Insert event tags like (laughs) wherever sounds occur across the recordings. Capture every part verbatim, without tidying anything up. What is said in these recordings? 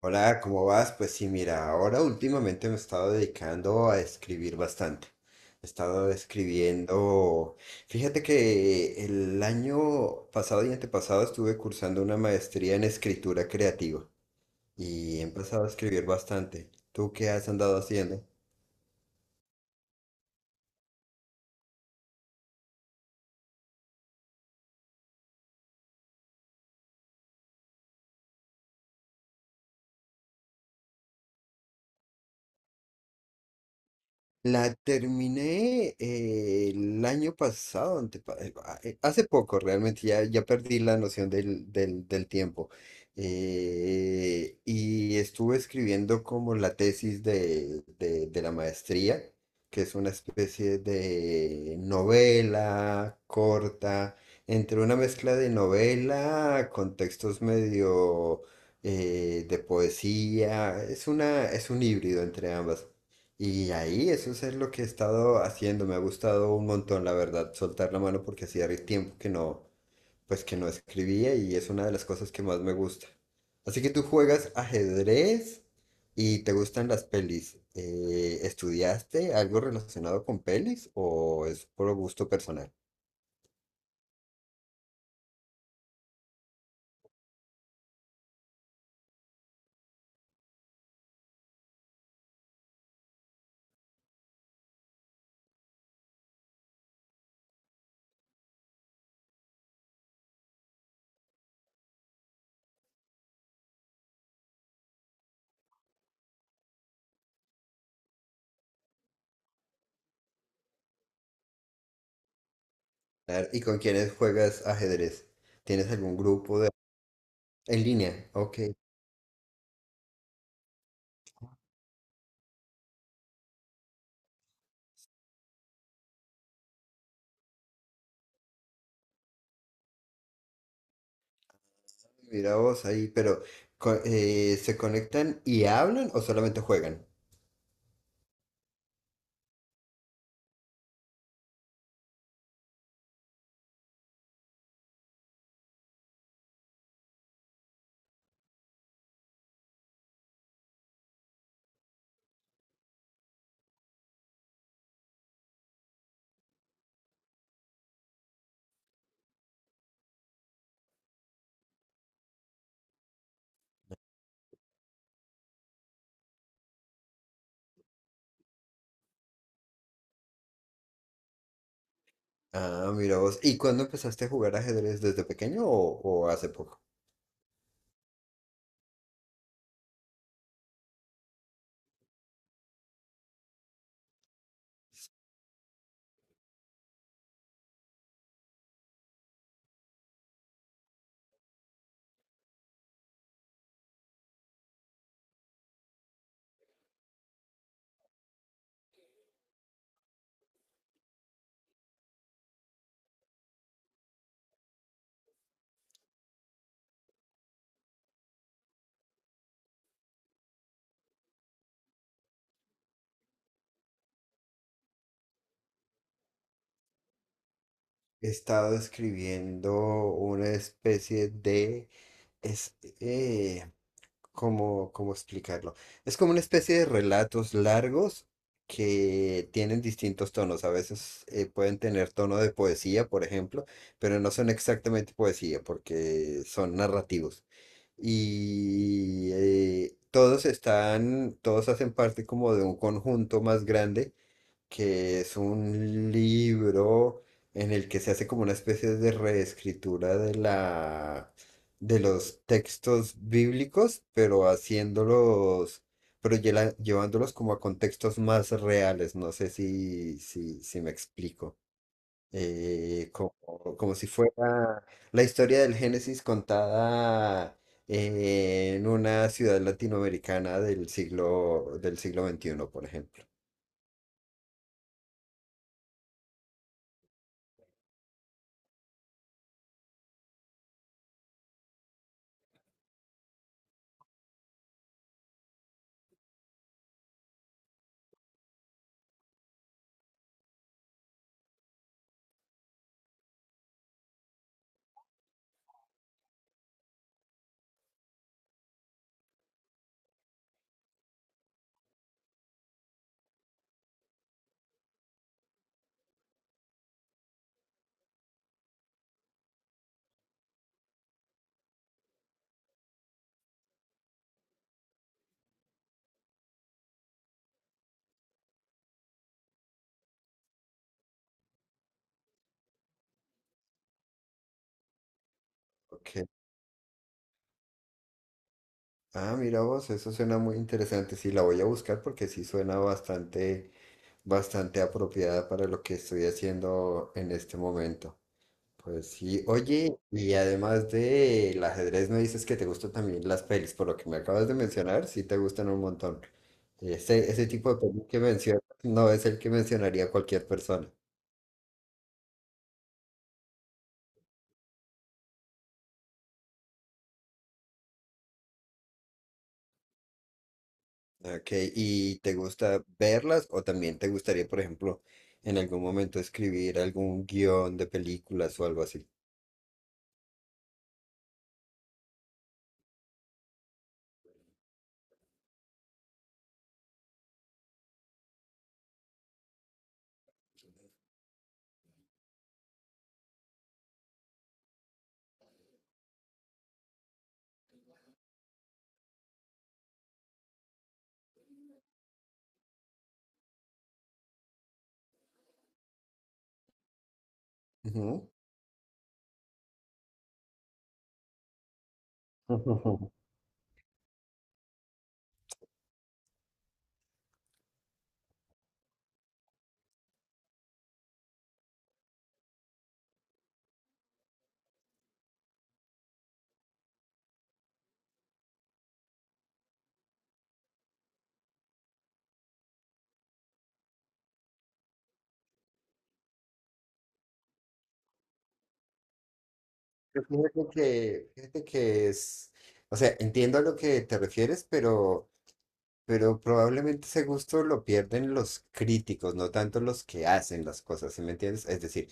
Hola, ¿cómo vas? Pues sí, mira, ahora últimamente me he estado dedicando a escribir bastante. He estado escribiendo. Fíjate que el año pasado y antepasado estuve cursando una maestría en escritura creativa y he empezado a escribir bastante. ¿Tú qué has andado haciendo? La terminé eh, el año pasado, antepa- eh, a- eh, hace poco realmente, ya, ya perdí la noción del, del, del tiempo. Eh, y estuve escribiendo como la tesis de, de, de la maestría, que es una especie de novela corta, entre una mezcla de novela con textos medio eh, de poesía. Es una, es un híbrido entre ambas. Y ahí, eso es lo que he estado haciendo, me ha gustado un montón, la verdad, soltar la mano porque hacía re- tiempo que no, pues que no escribía y es una de las cosas que más me gusta. Así que tú juegas ajedrez y te gustan las pelis. Eh, ¿estudiaste algo relacionado con pelis o es por gusto personal? A ver, ¿y con quiénes juegas ajedrez? ¿Tienes algún grupo de... en línea? Ok, mira vos ahí, pero co- eh, ¿se conectan y hablan o solamente juegan? Ah, mira vos. ¿Y cuándo empezaste a jugar ajedrez? ¿Desde pequeño o, o hace poco? He estado escribiendo una especie de... Es, eh, ¿cómo, cómo explicarlo? Es como una especie de relatos largos que tienen distintos tonos. A veces eh, pueden tener tono de poesía, por ejemplo, pero no son exactamente poesía porque son narrativos. Y eh, todos están, todos hacen parte como de un conjunto más grande que es un libro en el que se hace como una especie de reescritura de la de los textos bíblicos, pero haciéndolos, pero llela- llevándolos como a contextos más reales. No sé si, si, si me explico. Eh, como, como si fuera la historia del Génesis contada en una ciudad latinoamericana del siglo, del siglo veintiuno por ejemplo. Ok. Ah, mira vos, eso suena muy interesante. Sí, la voy a buscar porque sí suena bastante, bastante apropiada para lo que estoy haciendo en este momento. Pues sí, oye, y además del ajedrez, me dices que te gustan también las pelis, por lo que me acabas de mencionar, sí te gustan un montón. Ese, ese tipo de pelis que mencionas no es el que mencionaría cualquier persona. Ok, ¿y te gusta verlas o también te gustaría, por ejemplo, en algún momento escribir algún guión de películas o algo así? Ujú. Ujú. (laughs) Yo fíjate que, fíjate que es, o sea, entiendo a lo que te refieres, pero Pero probablemente ese gusto lo pierden los críticos, no tanto los que hacen las cosas, ¿sí me entiendes? Es decir,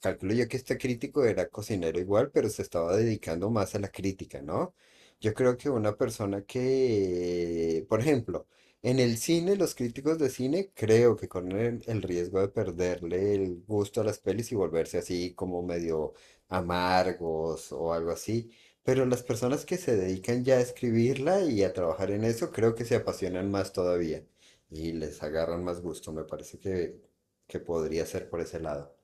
calculo yo que este crítico era cocinero igual, pero se estaba dedicando más a la crítica, ¿no? Yo creo que una persona que, por ejemplo, en el cine, los críticos de cine creo que corren el riesgo de perderle el gusto a las pelis y volverse así como medio amargos o algo así. Pero las personas que se dedican ya a escribirla y a trabajar en eso, creo que se apasionan más todavía y les agarran más gusto. Me parece que, que podría ser por ese lado.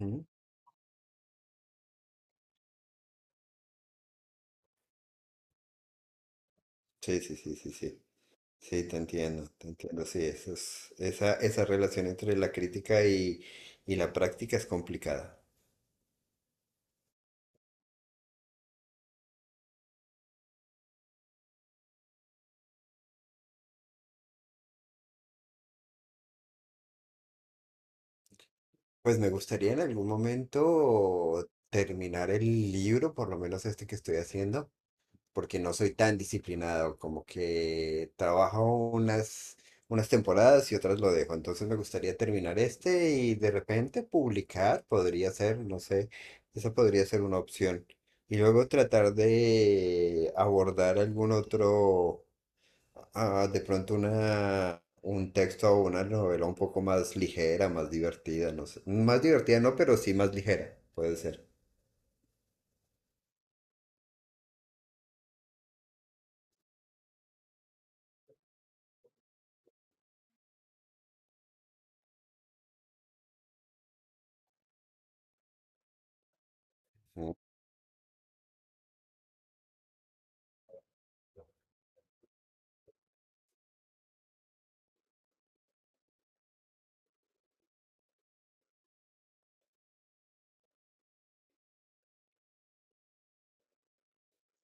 Ujú. Sí, sí, sí, sí, sí. Sí, te entiendo, te entiendo. Sí, eso es, esa, esa relación entre la crítica y, y la práctica es complicada. Pues me gustaría en algún momento terminar el libro, por lo menos este que estoy haciendo porque no soy tan disciplinado, como que trabajo unas, unas temporadas y otras lo dejo. Entonces me gustaría terminar este y de repente publicar, podría ser, no sé, esa podría ser una opción. Y luego tratar de abordar algún otro, ah, de pronto una, un texto o una novela un poco más ligera, más divertida, no sé. Más divertida no, pero sí más ligera, puede ser.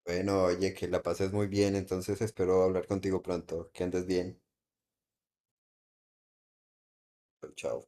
Bueno, oye, que la pases muy bien, entonces espero hablar contigo pronto. Que andes bien. Chao.